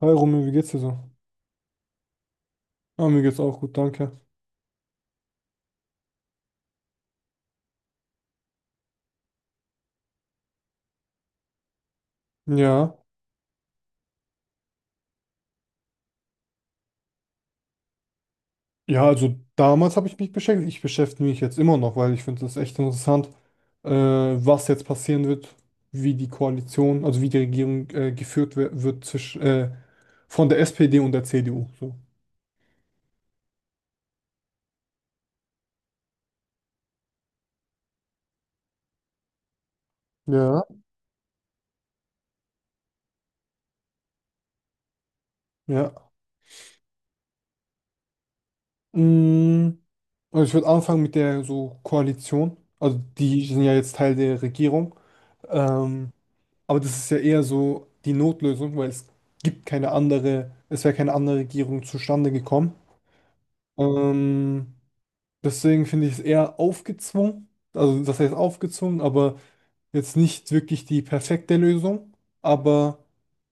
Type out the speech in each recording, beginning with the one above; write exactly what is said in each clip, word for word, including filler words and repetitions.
Hi Romeo, wie geht's dir so? Ah, mir geht's auch gut, danke. Ja. Ja, also damals habe ich mich beschäftigt. Ich beschäftige mich jetzt immer noch, weil ich finde es echt interessant, äh, was jetzt passieren wird, wie die Koalition, also wie die Regierung äh, geführt wer- wird zwischen, äh, von der S P D und der C D U. So. Ja, ja. Mm, also ich würde anfangen mit der so Koalition. Also die sind ja jetzt Teil der Regierung. Ähm, Aber das ist ja eher so die Notlösung, weil es gibt keine andere, es wäre keine andere Regierung zustande gekommen. Ähm, deswegen finde ich es eher aufgezwungen, also das heißt aufgezwungen, aber jetzt nicht wirklich die perfekte Lösung. Aber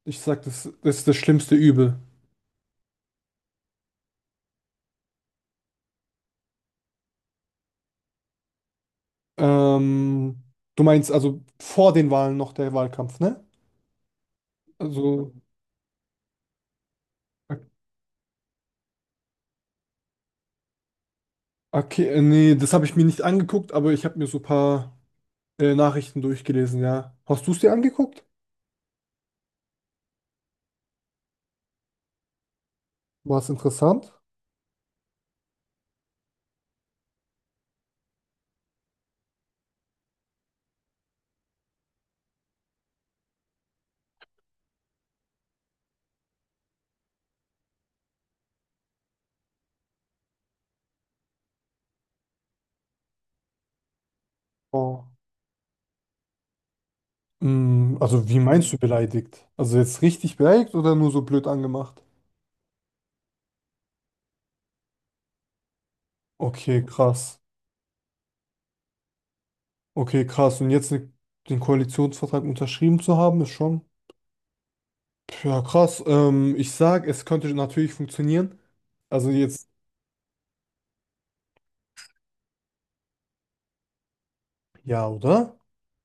ich sag, das, das ist das schlimmste Übel. Ähm, du meinst also vor den Wahlen noch der Wahlkampf, ne? Also, okay, äh, nee, das habe ich mir nicht angeguckt, aber ich habe mir so ein paar äh, Nachrichten durchgelesen, ja. Hast du es dir angeguckt? War es interessant? Oh. Mm, Also wie meinst du beleidigt? Also jetzt richtig beleidigt oder nur so blöd angemacht? Okay, krass. Okay, krass. Und jetzt ne, den Koalitionsvertrag unterschrieben zu haben, ist schon. Ja, krass. Ähm, ich sag, es könnte natürlich funktionieren. Also jetzt, ja, oder?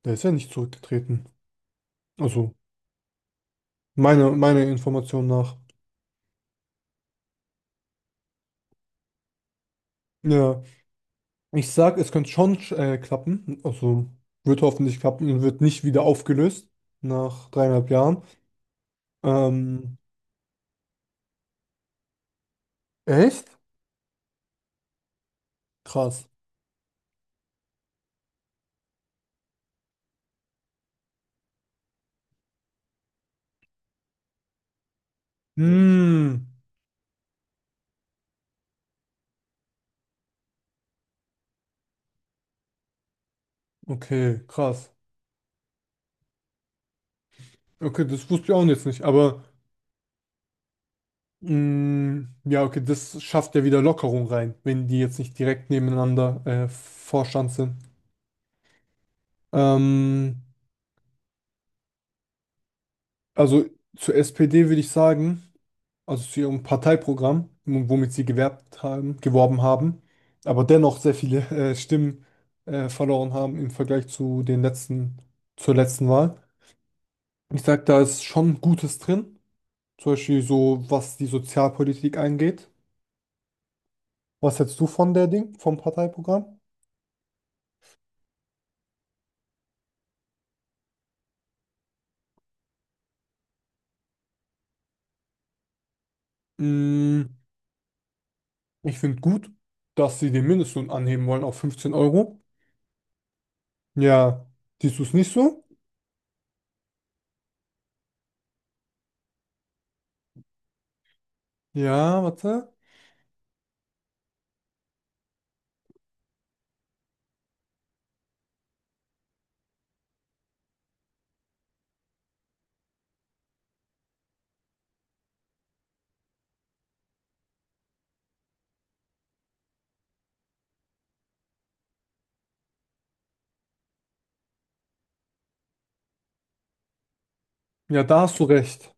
Der ist ja nicht zurückgetreten. Also, meine, meine Information nach. Ja, ich sag, es könnte schon äh, klappen. Also, wird hoffentlich klappen und wird nicht wieder aufgelöst nach dreieinhalb Jahren. Ähm, Echt? krass. Hm, okay, krass. Okay, das wusste ich auch jetzt nicht, aber mm, ja, okay, das schafft ja wieder Lockerung rein, wenn die jetzt nicht direkt nebeneinander äh, Vorstand sind. Ähm, also zur S P D würde ich sagen, also zu ihrem Parteiprogramm, womit sie gewerbt haben, geworben haben, aber dennoch sehr viele äh, Stimmen äh, verloren haben im Vergleich zu den letzten, zur letzten Wahl. Ich sage, da ist schon Gutes drin. Zum Beispiel so, was die Sozialpolitik angeht. Was hältst du von der Ding, vom Parteiprogramm? Mm, ich finde gut, dass sie den Mindestlohn anheben wollen auf fünfzehn Euro. Ja, siehst du es nicht so? Ja, warte. Ja, da hast du recht.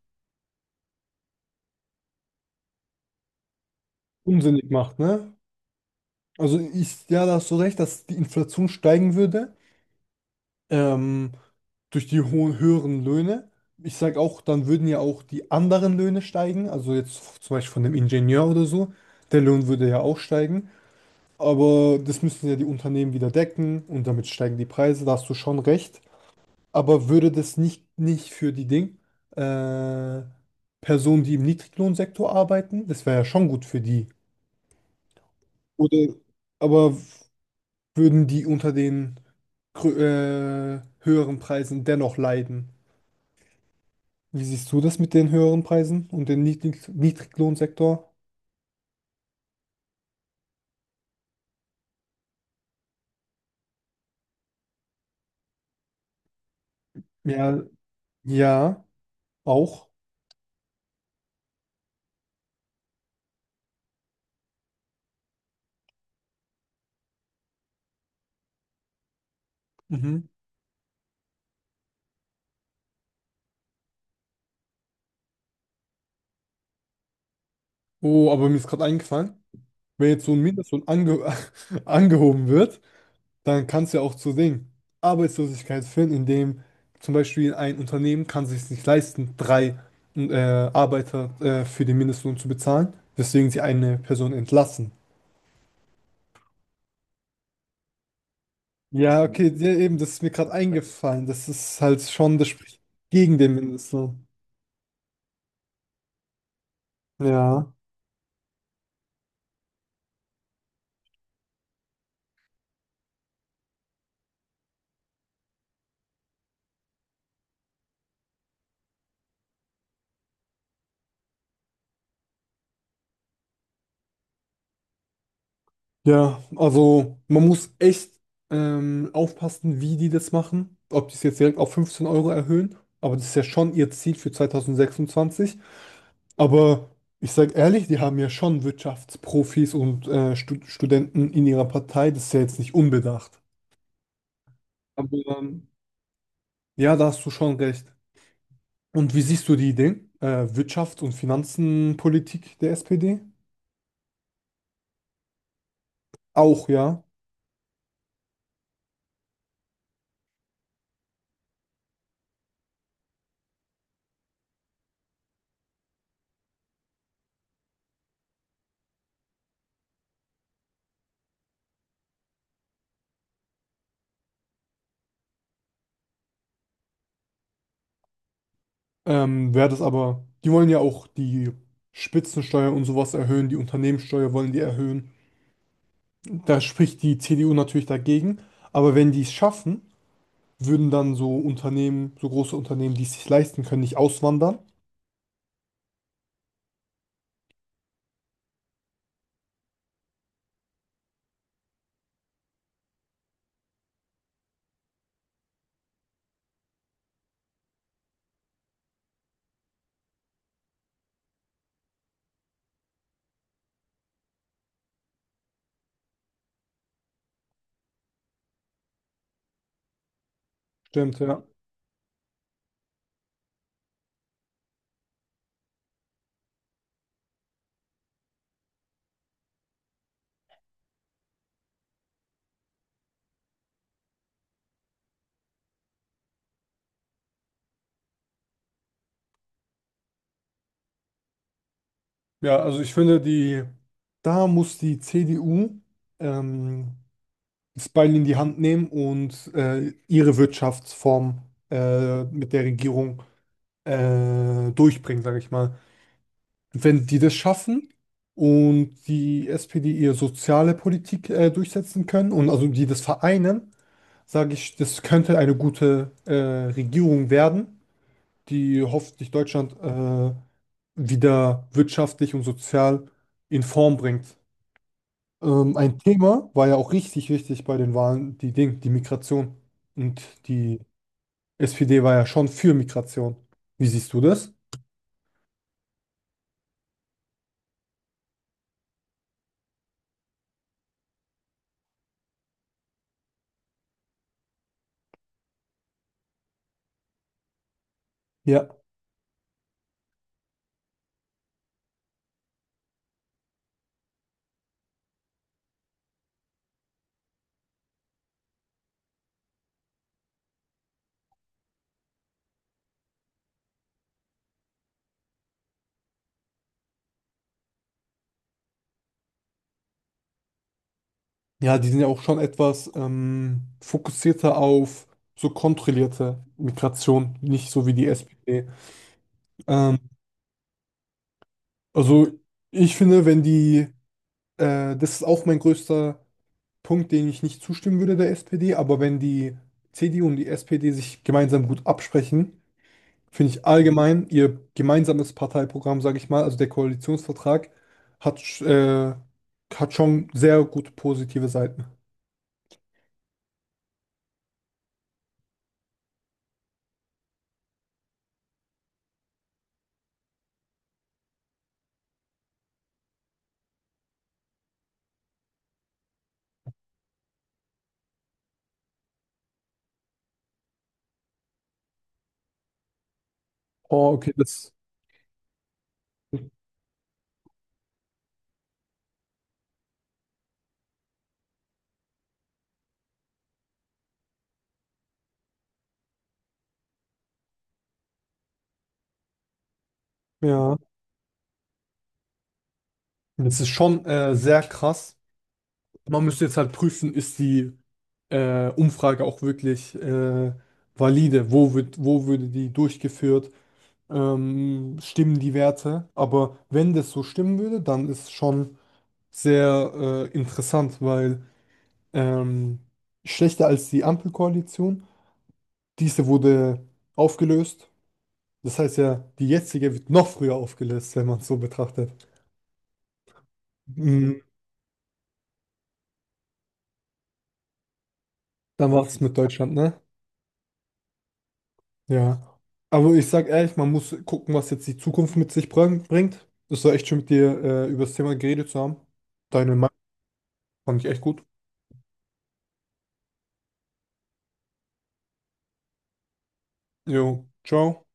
Unsinnig macht, ne? Also ich, ja, da hast du recht, dass die Inflation steigen würde. Ähm, durch die hohen, höheren Löhne. Ich sage auch, dann würden ja auch die anderen Löhne steigen. Also jetzt zum Beispiel von dem Ingenieur oder so. Der Lohn würde ja auch steigen. Aber das müssen ja die Unternehmen wieder decken und damit steigen die Preise, da hast du schon recht. Aber würde das nicht, nicht für die Ding, äh, Personen, die im Niedriglohnsektor arbeiten, das wäre ja schon gut für die. Oder, aber würden die unter den grö- äh, höheren Preisen dennoch leiden? Wie siehst du das mit den höheren Preisen und dem Niedrig Niedriglohnsektor? Ja, ja, auch. Mhm. Oh, aber mir ist gerade eingefallen. Wenn jetzt so ein Mindestlohn ange angehoben wird, dann kann es ja auch zu Ding Arbeitslosigkeit führen, indem zum Beispiel ein Unternehmen kann sich nicht leisten, drei äh, Arbeiter äh, für den Mindestlohn zu bezahlen, weswegen sie eine Person entlassen. Ja, okay, ja, eben, das ist mir gerade eingefallen. Das ist halt schon, das spricht gegen den Mindestlohn. Ja. Ja, also man muss echt ähm, aufpassen, wie die das machen. Ob die es jetzt direkt auf fünfzehn Euro erhöhen. Aber das ist ja schon ihr Ziel für zwanzig sechsundzwanzig. Aber ich sage ehrlich, die haben ja schon Wirtschaftsprofis und äh, Stu Studenten in ihrer Partei. Das ist ja jetzt nicht unbedacht. Aber ähm, ja, da hast du schon recht. Und wie siehst du die Idee? Äh, Wirtschafts- und Finanzenpolitik der S P D? Auch, ja. Ähm, wäre das aber, die wollen ja auch die Spitzensteuer und sowas erhöhen, die Unternehmenssteuer wollen die erhöhen. Da spricht die C D U natürlich dagegen, aber wenn die es schaffen, würden dann so Unternehmen, so große Unternehmen, die es sich leisten können, nicht auswandern. Stimmt, ja. Ja, also ich finde, die, da muss die C D U ähm, das Beil in die Hand nehmen und äh, ihre Wirtschaftsform äh, mit der Regierung äh, durchbringen, sage ich mal. wenn die das schaffen und die S P D ihre soziale Politik äh, durchsetzen können und also die das vereinen, sage ich, das könnte eine gute äh, Regierung werden, die hoffentlich Deutschland äh, wieder wirtschaftlich und sozial in Form bringt. Ähm, ein Thema war ja auch richtig wichtig bei den Wahlen, die Ding, die Migration. Und die S P D war ja schon für Migration. Wie siehst du das? Ja. Ja, die sind ja auch schon etwas ähm, fokussierter auf so kontrollierte Migration, nicht so wie die S P D. Ähm, also ich finde, wenn die, äh, das ist auch mein größter Punkt, den ich nicht zustimmen würde der S P D, aber wenn die C D U und die S P D sich gemeinsam gut absprechen, finde ich allgemein ihr gemeinsames Parteiprogramm, sage ich mal, also der Koalitionsvertrag, hat, sch- äh, hat schon sehr gute positive Seiten. Oh, okay, das, ja. Das ist schon äh, sehr krass. Man müsste jetzt halt prüfen, ist die äh, Umfrage auch wirklich äh, valide? Wo wird, wo würde die durchgeführt? Ähm, stimmen die Werte? Aber wenn das so stimmen würde, dann ist es schon sehr äh, interessant, weil ähm, schlechter als die Ampelkoalition, diese wurde aufgelöst. Das heißt ja, die jetzige wird noch früher aufgelöst, wenn man es so betrachtet. Mhm. Dann war es mit Deutschland, ne? Ja, aber ich sag ehrlich, man muss gucken, was jetzt die Zukunft mit sich bring- bringt. Es war echt schön, mit dir äh, über das Thema geredet zu haben. Deine Meinung fand ich echt gut. Jo, ciao.